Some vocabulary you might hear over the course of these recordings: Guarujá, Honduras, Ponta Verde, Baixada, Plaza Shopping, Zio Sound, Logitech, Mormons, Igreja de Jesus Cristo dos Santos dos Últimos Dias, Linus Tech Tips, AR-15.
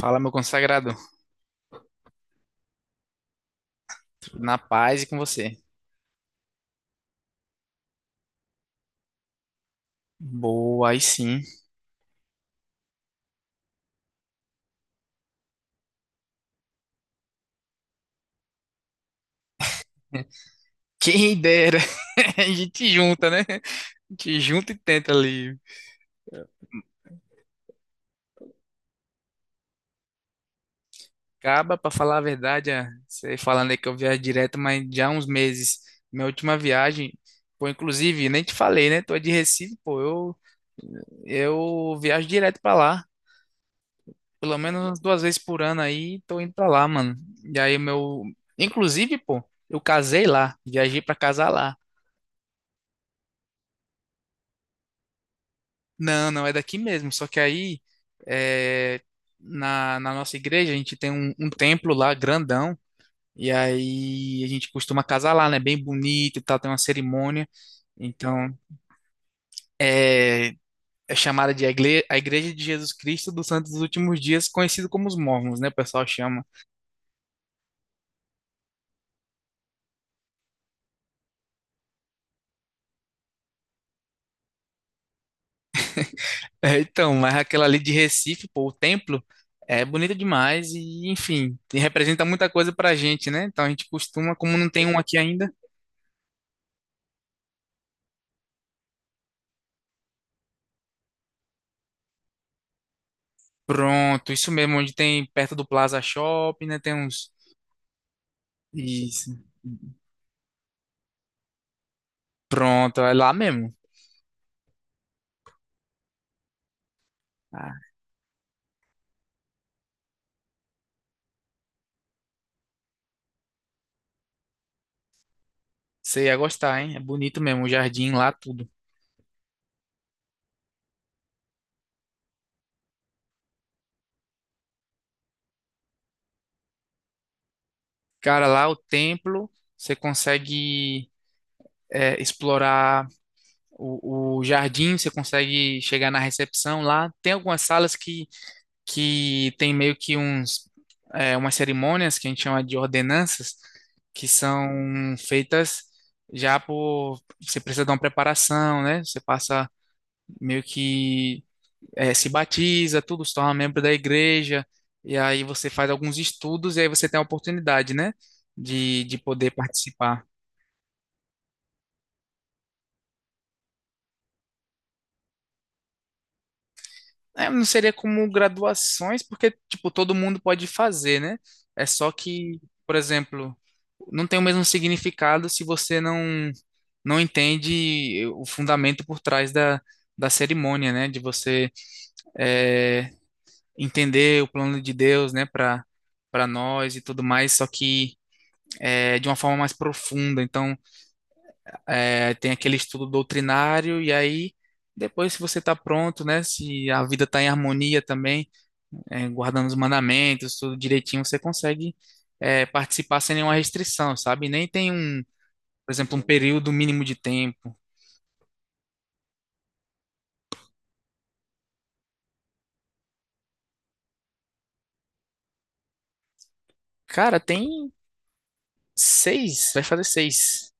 Fala, meu consagrado. Na paz e com você. Boa, aí sim. Quem dera. A gente junta, né? A gente junta e tenta ali. Acaba, pra falar a verdade, ah, você falando aí que eu viajo direto, mas já há uns meses. Minha última viagem, pô, inclusive, nem te falei, né? Tô de Recife, pô, eu viajo direto pra lá. Pelo menos umas duas vezes por ano aí, tô indo pra lá, mano. E aí, meu. Inclusive, pô, eu casei lá. Viajei pra casar lá. Não, não, é daqui mesmo. Só que aí, é, na nossa igreja, a gente tem um templo lá grandão. E aí a gente costuma casar lá, né? Bem bonito e tal, tem uma cerimônia. Então, é, é chamada de a igle- a Igreja de Jesus Cristo dos Santos dos Últimos Dias, conhecido como os Mormons, né? O pessoal chama. É, então, mas aquela ali de Recife, pô, o templo é bonito demais e, enfim, e representa muita coisa pra gente, né? Então a gente costuma, como não tem um aqui ainda. Pronto, isso mesmo, onde tem perto do Plaza Shopping, né? Tem uns. Isso. Pronto, é lá mesmo. Ah, você ia gostar, hein? É bonito mesmo, o jardim lá, tudo. Cara, lá o templo, você consegue é, explorar o jardim, você consegue chegar na recepção lá. Tem algumas salas que tem meio que uns, é, umas cerimônias que a gente chama de ordenanças, que são feitas já por. Você precisa dar uma preparação, né? Você passa meio que se batiza, tudo, se torna membro da igreja, e aí você faz alguns estudos e aí você tem a oportunidade, né, de poder participar. É, não seria como graduações, porque, tipo, todo mundo pode fazer, né? É só que, por exemplo, não tem o mesmo significado se você não entende o fundamento por trás da, da cerimônia, né? De você eh, entender o plano de Deus, né, para nós e tudo mais, só que é, de uma forma mais profunda. Então, é, tem aquele estudo doutrinário, e aí, depois, se você está pronto, né, se a vida está em harmonia também, é, guardando os mandamentos, tudo direitinho, você consegue, é, participar sem nenhuma restrição, sabe? Nem tem um, por exemplo, um período mínimo de tempo. Cara, tem seis, vai fazer seis,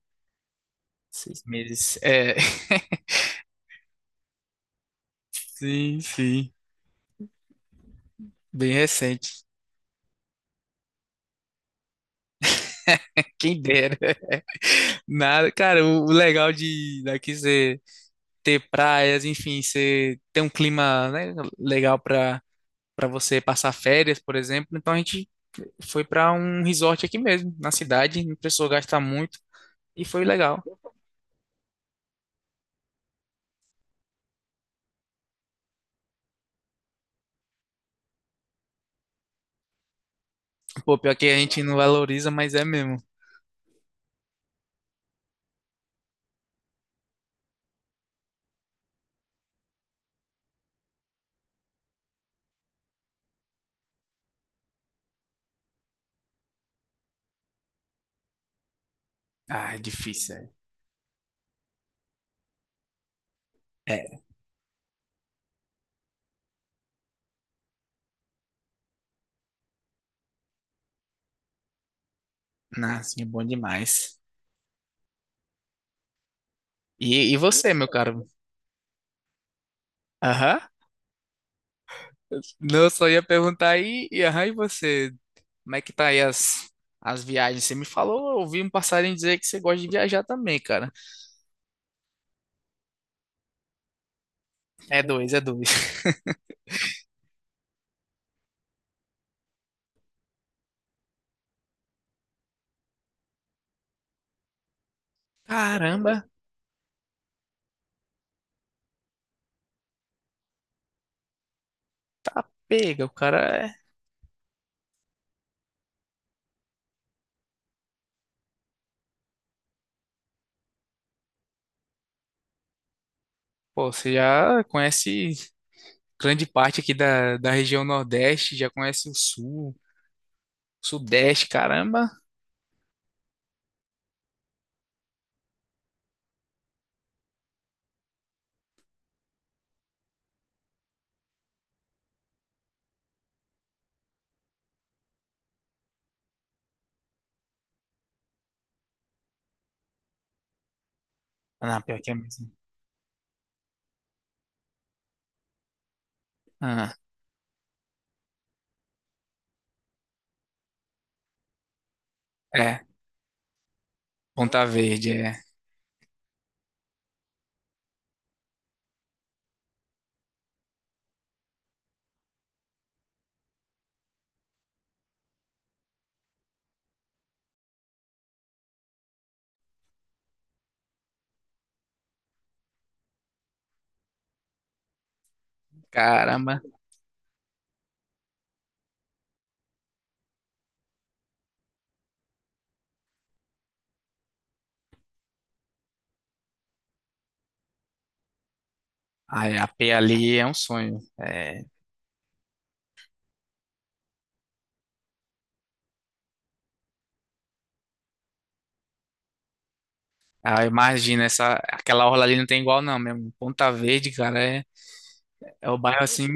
seis meses. É, sim, sim. Bem recente. Quem dera. Nada, cara, o legal de daqui ser ter praias, enfim, você ter um clima, né, legal para você passar férias, por exemplo. Então a gente foi para um resort aqui mesmo, na cidade, não precisou gastar muito e foi legal. Pô, pior que a gente não valoriza, mas é mesmo. Ah, é difícil. É, é nossa, é bom demais. E você, meu caro? Aham. Não, eu só ia perguntar aí, e aham, e você? Como é que tá aí as viagens? Você me falou, eu ouvi um passarinho dizer que você gosta de viajar também, cara. É dois, é dois. Caramba! Pega, o cara é. Pô, você já conhece grande parte aqui da, da região Nordeste, já conhece o Sul, Sudeste, caramba. Ah, não, pior que é mesmo. Ah, é, Ponta Verde, é. Caramba. Ai, a P ali é um sonho. É. Ah, imagina, essa, aquela orla ali não tem igual, não mesmo. Ponta Verde, cara, é, é o bairro assim.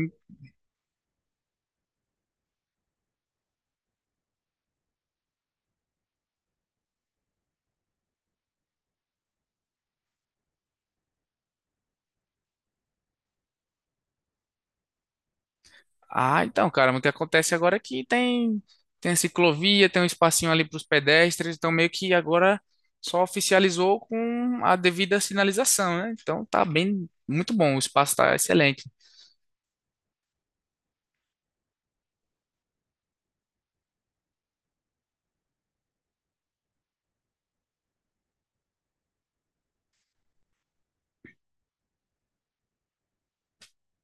Ah, então, cara, mas o que acontece agora é que tem, tem a ciclovia, tem um espacinho ali para os pedestres, então meio que agora só oficializou com a devida sinalização, né? Então tá bem, muito bom, o espaço tá excelente.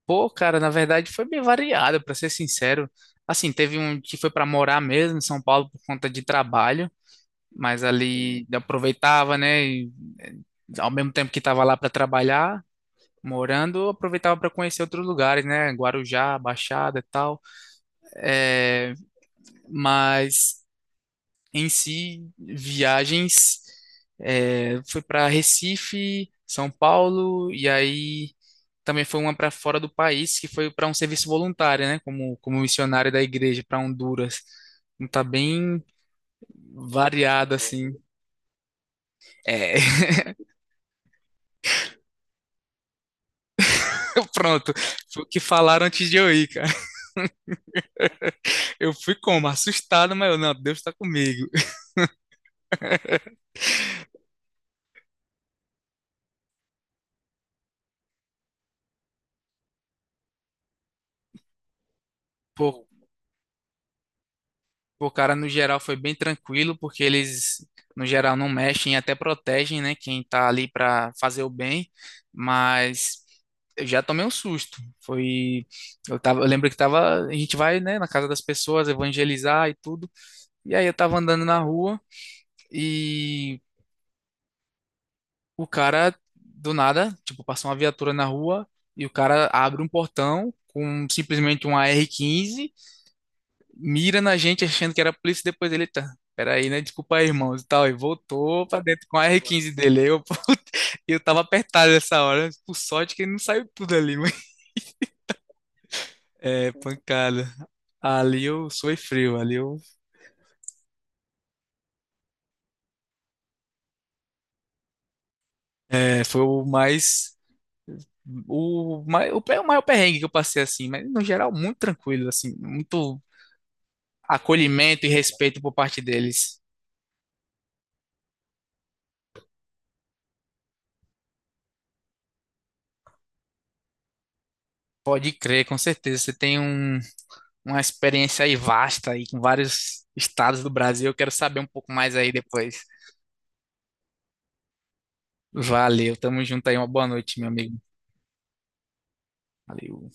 Pô, cara, na verdade foi bem variado, para ser sincero. Assim, teve um que foi para morar mesmo em São Paulo por conta de trabalho, mas ali aproveitava, né? E, eh, ao mesmo tempo que estava lá para trabalhar, morando, aproveitava para conhecer outros lugares, né? Guarujá, Baixada e tal. É, mas em si, viagens, é, foi para Recife, São Paulo, e aí também foi uma para fora do país, que foi para um serviço voluntário, né? Como missionário da igreja para Honduras. Então tá bem variado, assim. É, pronto. Foi o que falaram antes de eu ir, cara. Eu fui como? Assustado, mas eu, não, Deus tá comigo. Pô, o cara, no geral, foi bem tranquilo, porque eles, no geral, não mexem e até protegem, né? Quem tá ali pra fazer o bem. Mas eu já tomei um susto. Foi. Eu tava, eu lembro que tava. A gente vai, né, na casa das pessoas, evangelizar e tudo. E aí eu tava andando na rua e o cara, do nada, tipo, passou uma viatura na rua e o cara abre um portão com simplesmente um AR-15, mira na gente achando que era a polícia, depois ele tá. Peraí, né? Desculpa aí, irmãos, e tal. E voltou pra dentro com a R15 dele. Eu, puta, eu tava apertado nessa hora. Né? Por sorte que ele não saiu tudo ali, mas é pancada. Ali eu suei frio. Ali eu é, foi o o maior perrengue que eu passei assim, mas no geral muito tranquilo assim, muito acolhimento e respeito por parte deles. Pode crer, com certeza. Você tem um, uma experiência aí vasta aí com vários estados do Brasil. Eu quero saber um pouco mais aí depois. Valeu, tamo junto aí. Uma boa noite, meu amigo. Valeu.